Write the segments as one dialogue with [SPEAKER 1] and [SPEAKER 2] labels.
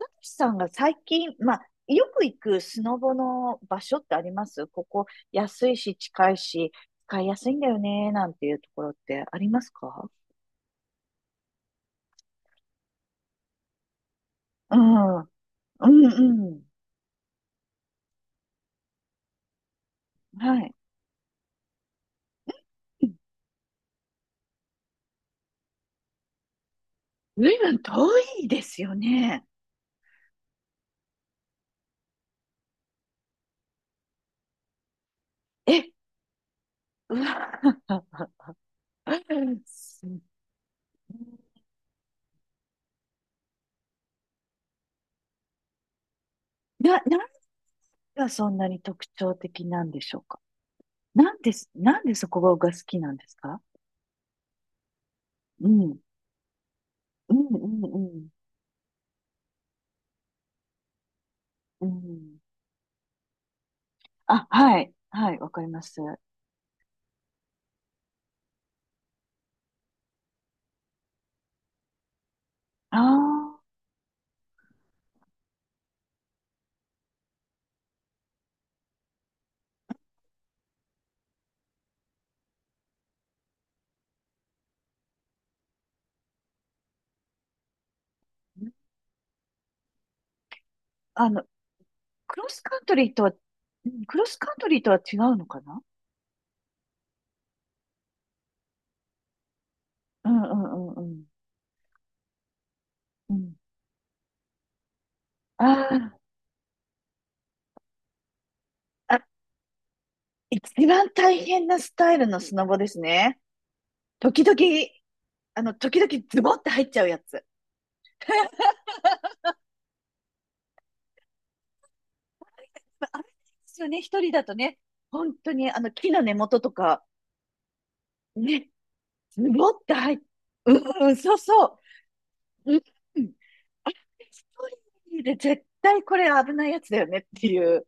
[SPEAKER 1] たけしさんが最近、まあ、よく行くスノボの場所ってありますここ安いし近いし使いやすいんだよね、なんていうところってありますか？うん。うんうん。はい。随分遠いですよね。え、うわ。す何がそんなに特徴的なんでしょうか？なんでそこが好きなんですか？うん。うんうんうん。うんあ、はい。はい、わかります。あ、ああの、クロスカントリーとは、うんクロスカントリーとは違うのかな？うんうんうんうん。うん。あああ、一番大変なスタイルのスノボですね。時々、あの、時々ズボって入っちゃうやつ。まあ、危ないですよね、一人だとね。本当に、あの、木の根元とか、ね、ズボって入っ、うんうん、そうそう。うん。あ、一人で絶対これ危ないやつだよねっていう。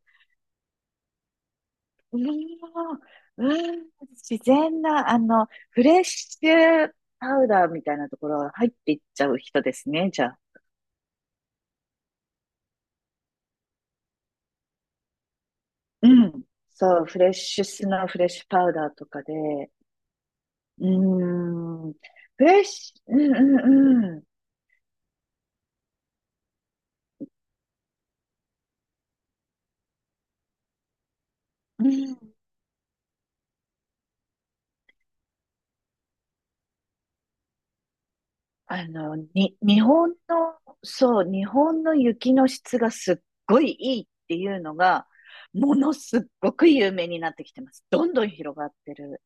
[SPEAKER 1] うーん、うーん自然な、あの、フレッシュパウダーみたいなところが入っていっちゃう人ですね、じゃあ。うん。そう、フレッシュスノー、フレッシュパウダーとかで、うーん、フレッシュ、うんうんうん。うんあの、日本の、そう、日本の雪の質がすっごいいいっていうのが、ものすっごく有名になってきてます。どんどん広がってる。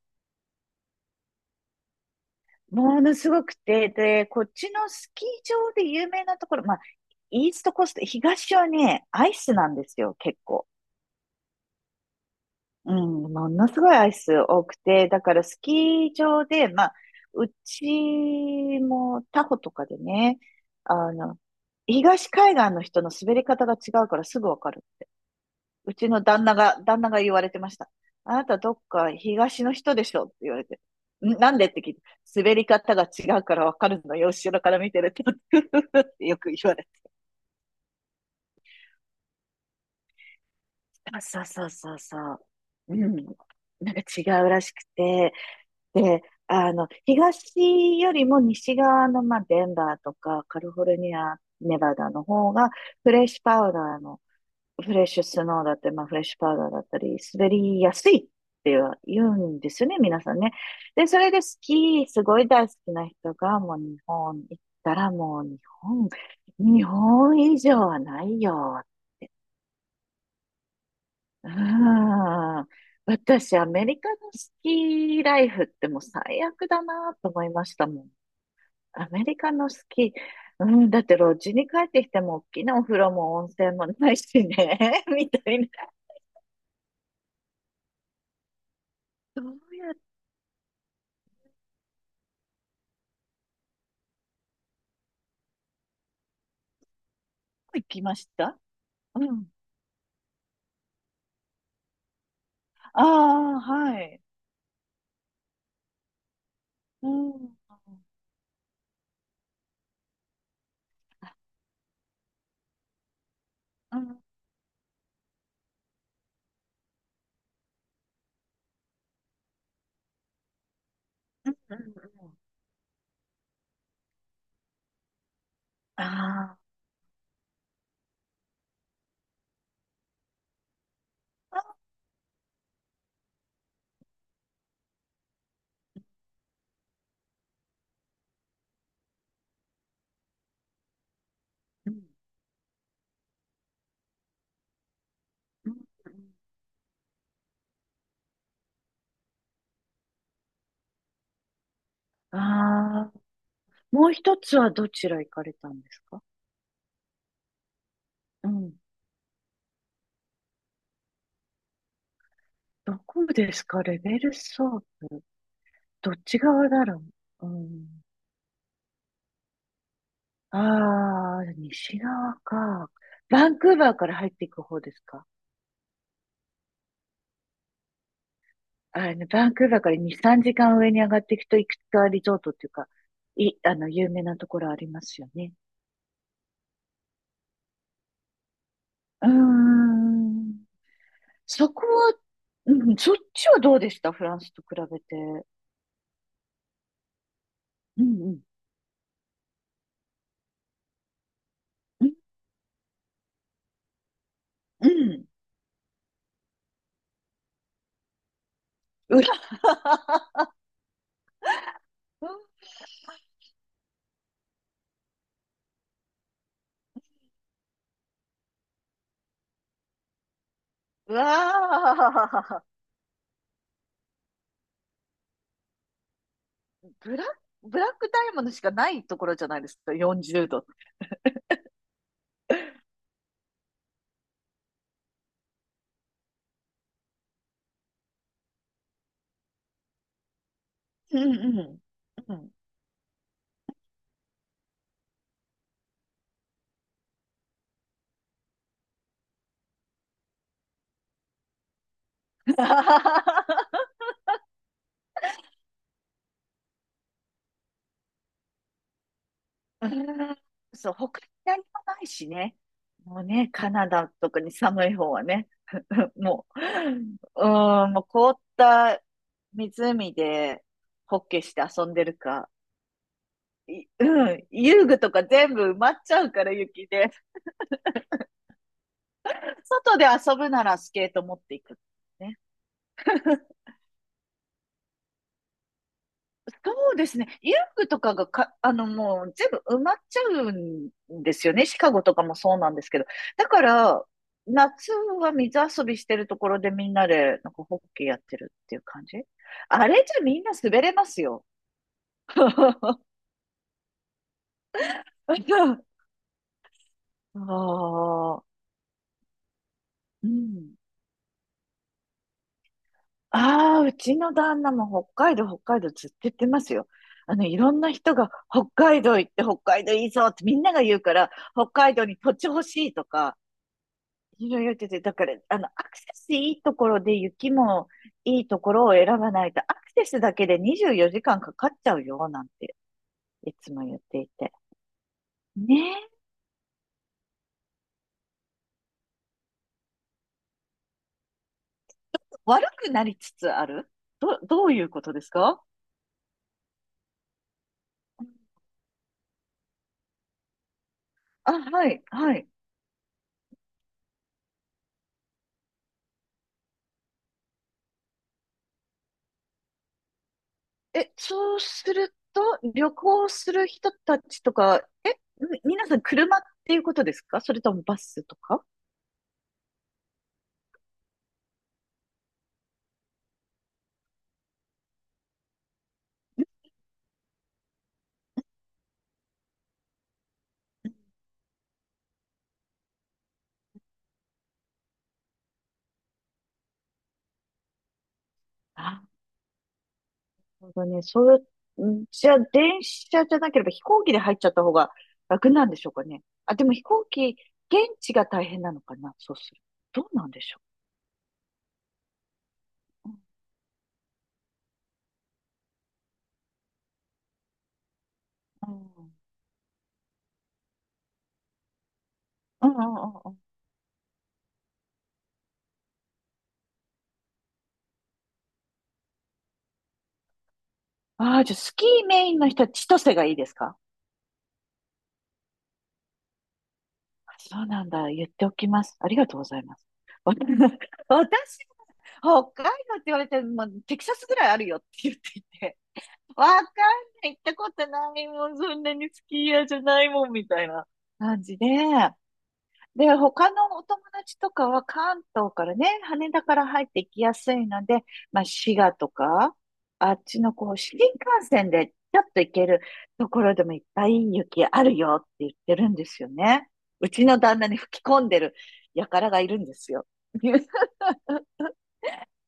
[SPEAKER 1] ものすごくて、で、こっちのスキー場で有名なところ、まあ、イーストコースト、東はね、アイスなんですよ、結構。うん、ものすごいアイス多くて、だからスキー場で、まあ、うちもタホとかでね、あの、東海岸の人の滑り方が違うからすぐわかる。うちの旦那が、旦那が言われてました。あなたどっか東の人でしょって言われて。なんでって聞いて、滑り方が違うからわかるのよ、後ろから見てると。ってよく言われて。あ、そうそうそうそう。うん。なんか違うらしくて。で、あの、東よりも西側の、まあ、デンバーとかカリフォルニア、ネバダの方が、フレッシュパウダーのフレッシュスノーだったり、まあ、フレッシュパウダーだったり、滑りやすいっては言うんですよね、皆さんね。で、それでスキー、すごい大好きな人が、もう日本行ったらもう日本、日本以上はないよ。うん。私、アメリカのスキーライフってもう最悪だなと思いましたもん。アメリカのスキー、うん、だってロッジに帰ってきても大きなお風呂も温泉もないしね、みたいな。行きましたうん。ああ、はい。うん。うん。うん。うんうんああ。うん。うんうんああ。もう一つはどちら行かれたんですか？うん。どこですかレベルソープ。どっち側だろう。うん。ああ、西側か。バンクーバーから入っていく方ですか？あの、バンクーバーから2、3時間上に上がっていくと、いくつかリゾートっていうか、あの、有名なところありますよね。うーん。そこは、うん、そっちはどうでした？フランスと比べて。うんうん。うん。うんうら、うわ、あブラ、ブラックダイヤモンドしかないところじゃないですか。40度。うんうん。うん。うーん、そう、他に何もないしね。もうね、カナダとかに寒い方はね、もう、うーん、もう凍った湖でホッケーして遊んでるか、うん、遊具とか全部埋まっちゃうから雪で、外で遊ぶならスケート持っていく。ねそうですね。遊具とかがか、あの、もう全部埋まっちゃうんですよね。シカゴとかもそうなんですけど。だから、夏は水遊びしてるところでみんなで、なんかホッケーやってるっていう感じ。あれじゃみんな滑れますよ。ああ、うん。ああ、うちの旦那も北海道、北海道ずっと言ってますよ。あの、いろんな人が北海道行って北海道いいぞってみんなが言うから、北海道に土地欲しいとか、いやいや、違うてて、だから、あの、アクセスいいところで雪もいいところを選ばないと、アクセスだけで24時間かんかかっちゃうよ、なんて、いつも言っていて。ねえ、悪くなりつつある、どういうことですか？あ、はい、はい。え、そうすると、旅行する人たちとか、皆さん車っていうことですか？それともバスとか。なるほどね。そう、んじゃあ、電車じゃなければ飛行機で入っちゃった方が楽なんでしょうかね。あ、でも飛行機、現地が大変なのかな。そうすると。どうなんでしょう。うん、うん、うん、うんうんああー、じゃあ、スキーメインの人は千歳がいいですか？そうなんだ。言っておきます。ありがとうございます。わ 私、北海道って言われて、もうテキサスぐらいあるよって言っていて、わかんない、行ったことないもん、そんなにスキー屋じゃないもん、みたいな感じで。で、他のお友達とかは関東からね、羽田から入ってきやすいので、まあ、滋賀とか、あっちのこう、新幹線でちょっと行けるところでもいっぱい雪あるよって言ってるんですよね。うちの旦那に吹き込んでる輩がいるんですよ。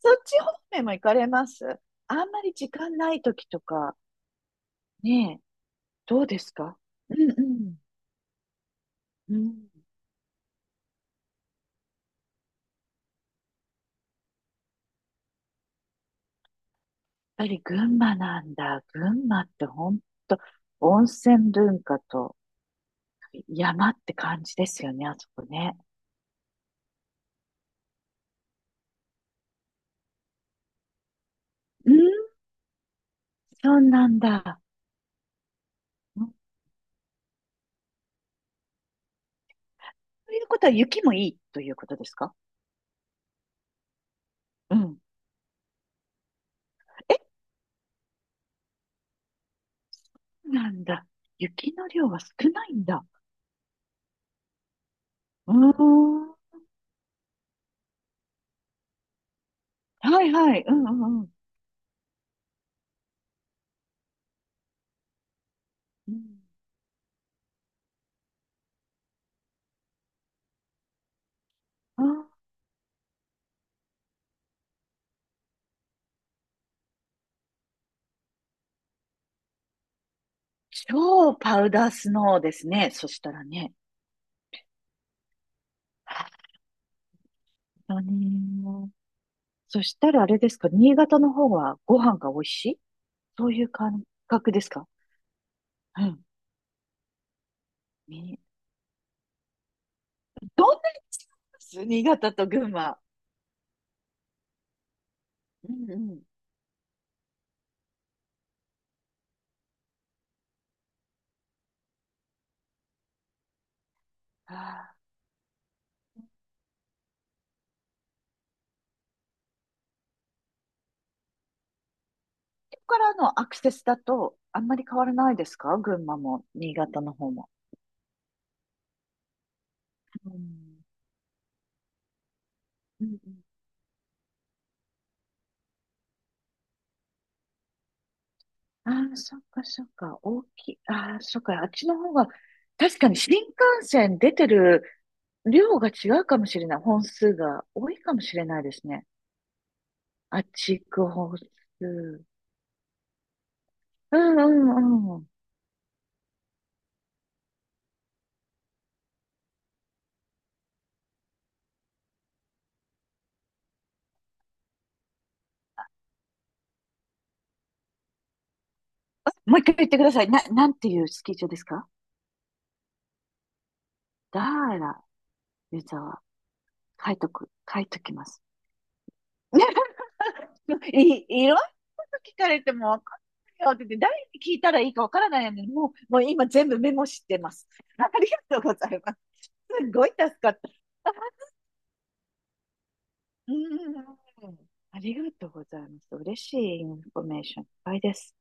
[SPEAKER 1] そっち方面も行かれますあんまり時間ない時とか、ねえ、どうですか？うんうん。うんぱり群馬なんだ。群馬って本当温泉文化と山って感じですよね、あそこね。うん、そうなんだ。うんということは雪もいいということですか？うん。え、なんだ。雪の量は少ないんだ。うーん。はいはい。うん。うんあ、超パウダースノーですね。そしたらね。本当に。そしたらあれですか、新潟の方はご飯が美味しいそういう感覚ですか？うん。みどんなに違います新潟と群馬。うんうん。あ、そこ、こからのアクセスだと、あんまり変わらないですか群馬も、新潟の方も。うん。うんうん。ああ、そっかそっか。大きい。ああ、そっか。あっちの方が、確かに新幹線出てる量が違うかもしれない。本数が多いかもしれないですね。あっち行く本数。うんうんうん。もう一回言ってください。なんていうスキー場ですか？ダーラ、湯沢。書いときます。いろんなこと聞かれてもわかんないよって言って、誰に聞いたらいいかわからないのに、もう今全部メモしてます。ありがとうございます。すごい助かった。うん。ありがとうございます。嬉しいインフォメーションいっぱいです。